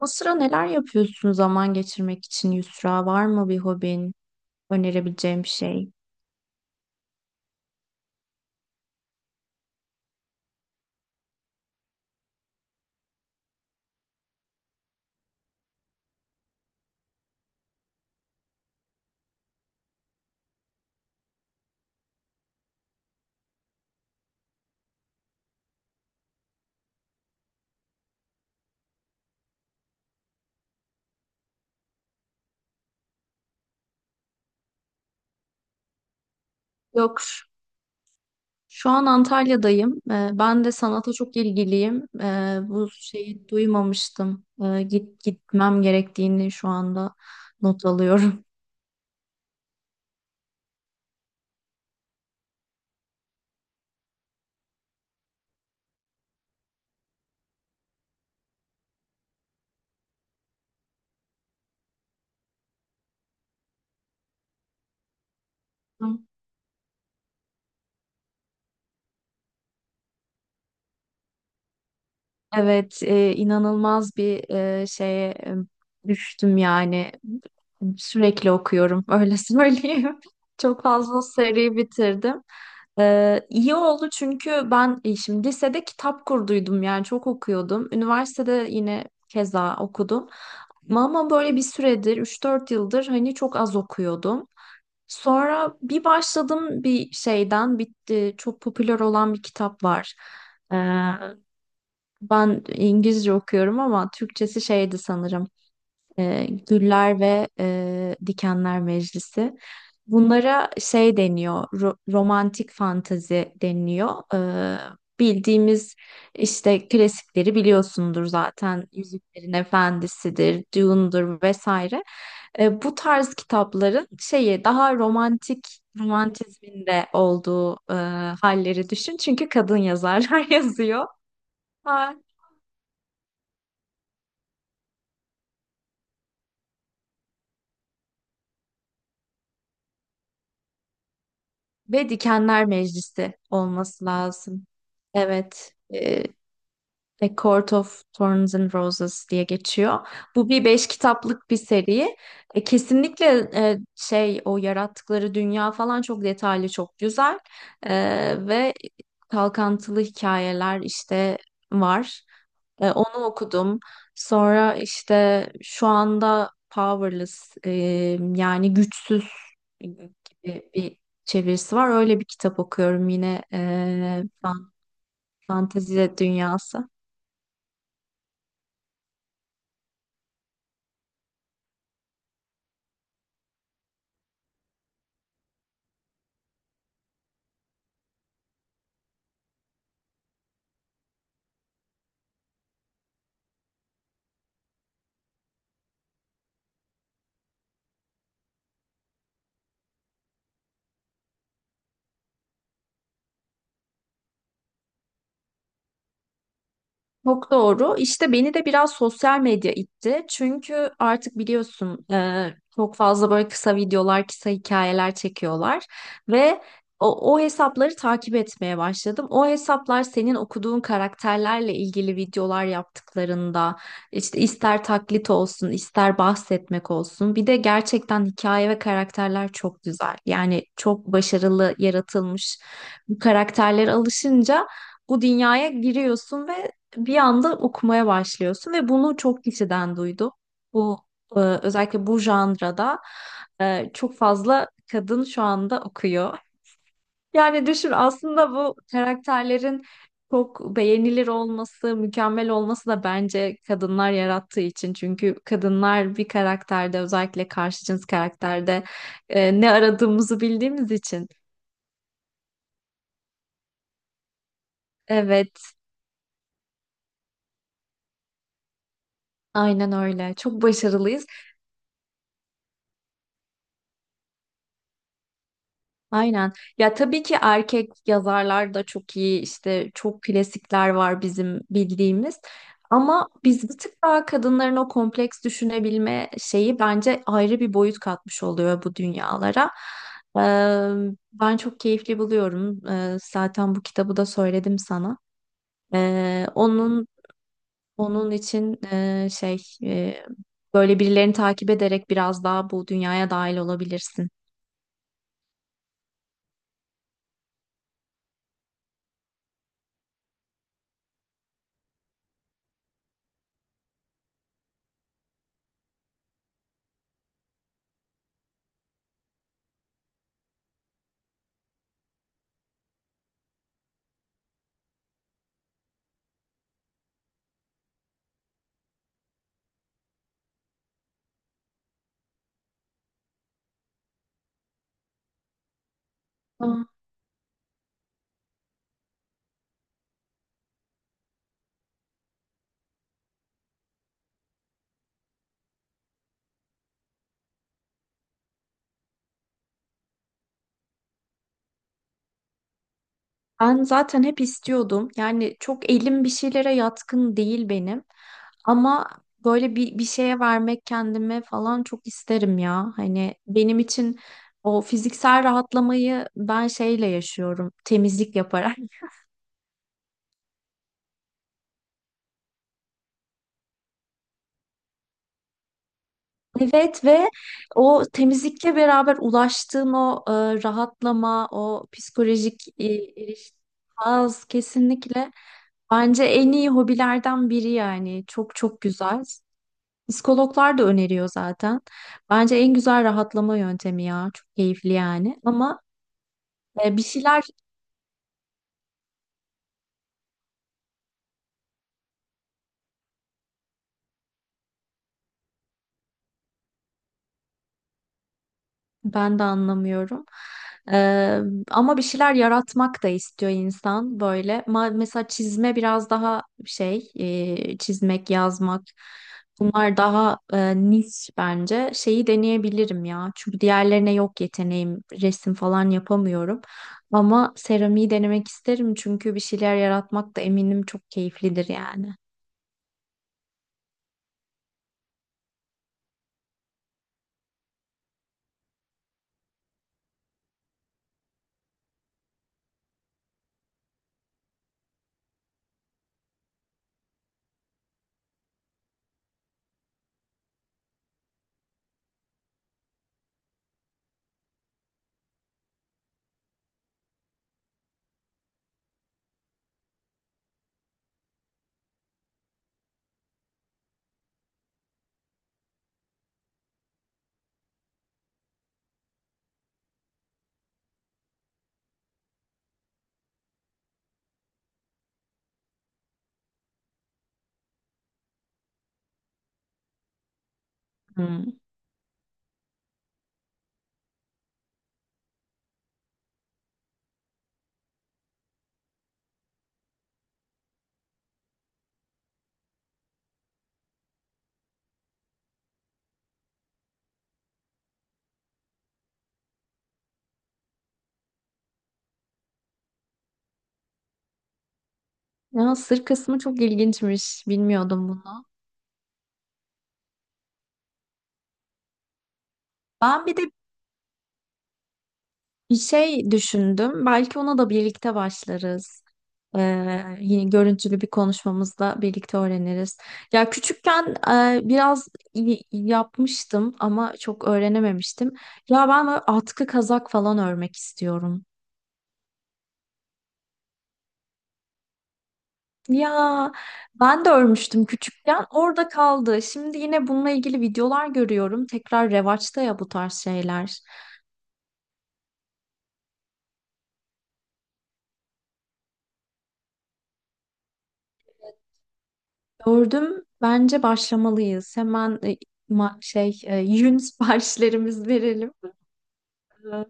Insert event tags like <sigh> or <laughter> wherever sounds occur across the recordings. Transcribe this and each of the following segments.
O sıra neler yapıyorsun zaman geçirmek için Yusra? Var mı bir hobin, önerebileceğim bir şey? Yok. Şu an Antalya'dayım. Ben de sanata çok ilgiliyim. Bu şeyi duymamıştım. Gitmem gerektiğini şu anda not alıyorum. Evet, inanılmaz bir şeye düştüm yani. Sürekli okuyorum, öyle <laughs> söyleyeyim. Çok fazla seri bitirdim. İyi oldu çünkü ben şimdi lisede kitap kurduydum yani çok okuyordum. Üniversitede yine keza okudum. Ama böyle bir süredir 3-4 yıldır hani çok az okuyordum. Sonra bir başladım bir şeyden bitti. Çok popüler olan bir kitap var. Ben İngilizce okuyorum ama Türkçesi şeydi sanırım. Güller ve Dikenler Meclisi. Bunlara şey deniyor, romantik fantezi deniliyor. Bildiğimiz işte klasikleri biliyorsundur zaten. Yüzüklerin Efendisi'dir, Dune'dur vesaire. Bu tarz kitapların şeyi daha romantik romantizminde olduğu halleri düşün. Çünkü kadın yazarlar <laughs> yazıyor. Ve Dikenler Meclisi olması lazım. Evet. A Court of Thorns and Roses diye geçiyor. Bu bir 5 kitaplık bir seri. Kesinlikle şey o yarattıkları dünya falan çok detaylı, çok güzel. E, Ve kalkantılı hikayeler işte var. Onu okudum. Sonra işte şu anda Powerless, yani güçsüz, gibi bir çevirisi var. Öyle bir kitap okuyorum yine. Fantezi dünyası. Çok doğru. İşte beni de biraz sosyal medya itti. Çünkü artık biliyorsun çok fazla böyle kısa videolar, kısa hikayeler çekiyorlar ve o hesapları takip etmeye başladım. O hesaplar senin okuduğun karakterlerle ilgili videolar yaptıklarında işte ister taklit olsun, ister bahsetmek olsun. Bir de gerçekten hikaye ve karakterler çok güzel. Yani çok başarılı yaratılmış bu karakterlere alışınca bu dünyaya giriyorsun ve bir anda okumaya başlıyorsun ve bunu çok kişiden duydum. Bu, özellikle bu janrada çok fazla kadın şu anda okuyor. Yani düşün aslında bu karakterlerin çok beğenilir olması, mükemmel olması da bence kadınlar yarattığı için. Çünkü kadınlar bir karakterde özellikle karşı cins karakterde ne aradığımızı bildiğimiz için. Evet, aynen öyle. Çok başarılıyız. Aynen. Ya tabii ki erkek yazarlar da çok iyi. İşte çok klasikler var bizim bildiğimiz. Ama biz bir tık daha kadınların o kompleks düşünebilme şeyi bence ayrı bir boyut katmış oluyor bu dünyalara. Ee, Ben çok keyifli buluyorum. Zaten bu kitabı da söyledim sana. Ee, onun onun için şey böyle birilerini takip ederek biraz daha bu dünyaya dahil olabilirsin. Aa, ben zaten hep istiyordum. Yani çok elim bir şeylere yatkın değil benim. Ama böyle bir şeye vermek kendime falan çok isterim ya. Hani benim için o fiziksel rahatlamayı ben şeyle yaşıyorum. Temizlik yaparak. Evet ve o temizlikle beraber ulaştığın o rahatlama, o psikolojik haz kesinlikle bence en iyi hobilerden biri yani. Çok çok güzel. Psikologlar da öneriyor zaten. Bence en güzel rahatlama yöntemi ya. Çok keyifli yani. Ama bir şeyler. Ben de anlamıyorum. Eee, ama bir şeyler yaratmak da istiyor insan böyle. Mesela çizme biraz daha şey, çizmek, yazmak. Bunlar daha niş bence. Şeyi deneyebilirim ya. Çünkü diğerlerine yok yeteneğim. Resim falan yapamıyorum. Ama seramiği denemek isterim çünkü bir şeyler yaratmak da eminim çok keyiflidir yani. Hmm. Ya sır kısmı çok ilginçmiş. Bilmiyordum bunu. Ben bir de şey düşündüm, belki ona da birlikte başlarız. Yine görüntülü bir konuşmamızda birlikte öğreniriz. Ya küçükken biraz yapmıştım ama çok öğrenememiştim. Ya ben böyle atkı kazak falan örmek istiyorum. Ya ben de örmüştüm küçükken, orada kaldı. Şimdi yine bununla ilgili videolar görüyorum. Tekrar revaçta ya bu tarz şeyler. Gördüm, bence başlamalıyız. Hemen şey yün <laughs> siparişlerimizi verelim. Ee,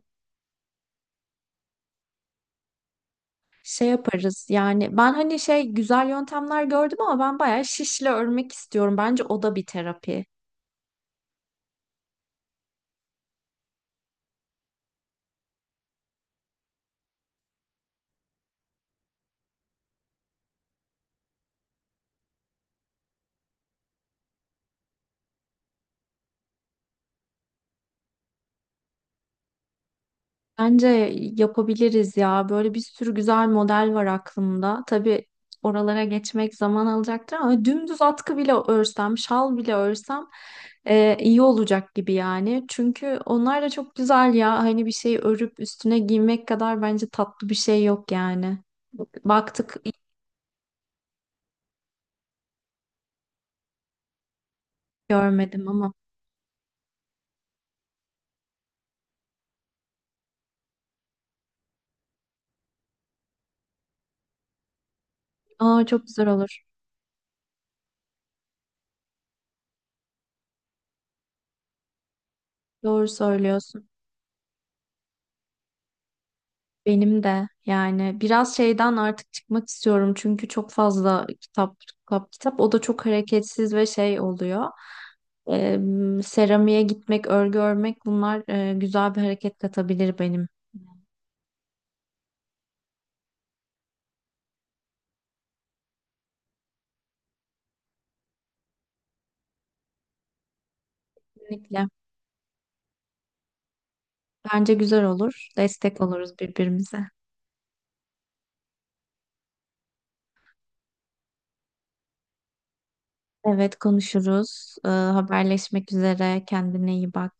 Şey yaparız yani ben hani şey güzel yöntemler gördüm ama ben bayağı şişle örmek istiyorum. Bence o da bir terapi. Bence yapabiliriz ya. Böyle bir sürü güzel model var aklımda. Tabii oralara geçmek zaman alacaktır ama dümdüz atkı bile örsem, şal bile örsem iyi olacak gibi yani. Çünkü onlar da çok güzel ya. Hani bir şey örüp üstüne giymek kadar bence tatlı bir şey yok yani. Baktık iyi görmedim ama. Aa, çok güzel olur. Doğru söylüyorsun. Benim de yani biraz şeyden artık çıkmak istiyorum çünkü çok fazla kitap kitap kitap o da çok hareketsiz ve şey oluyor. Ee, Seramiğe gitmek, örgü örmek bunlar güzel bir hareket katabilir benim. Kesinlikle. Bence güzel olur. Destek oluruz birbirimize. Evet konuşuruz. Haberleşmek üzere. Kendine iyi bak.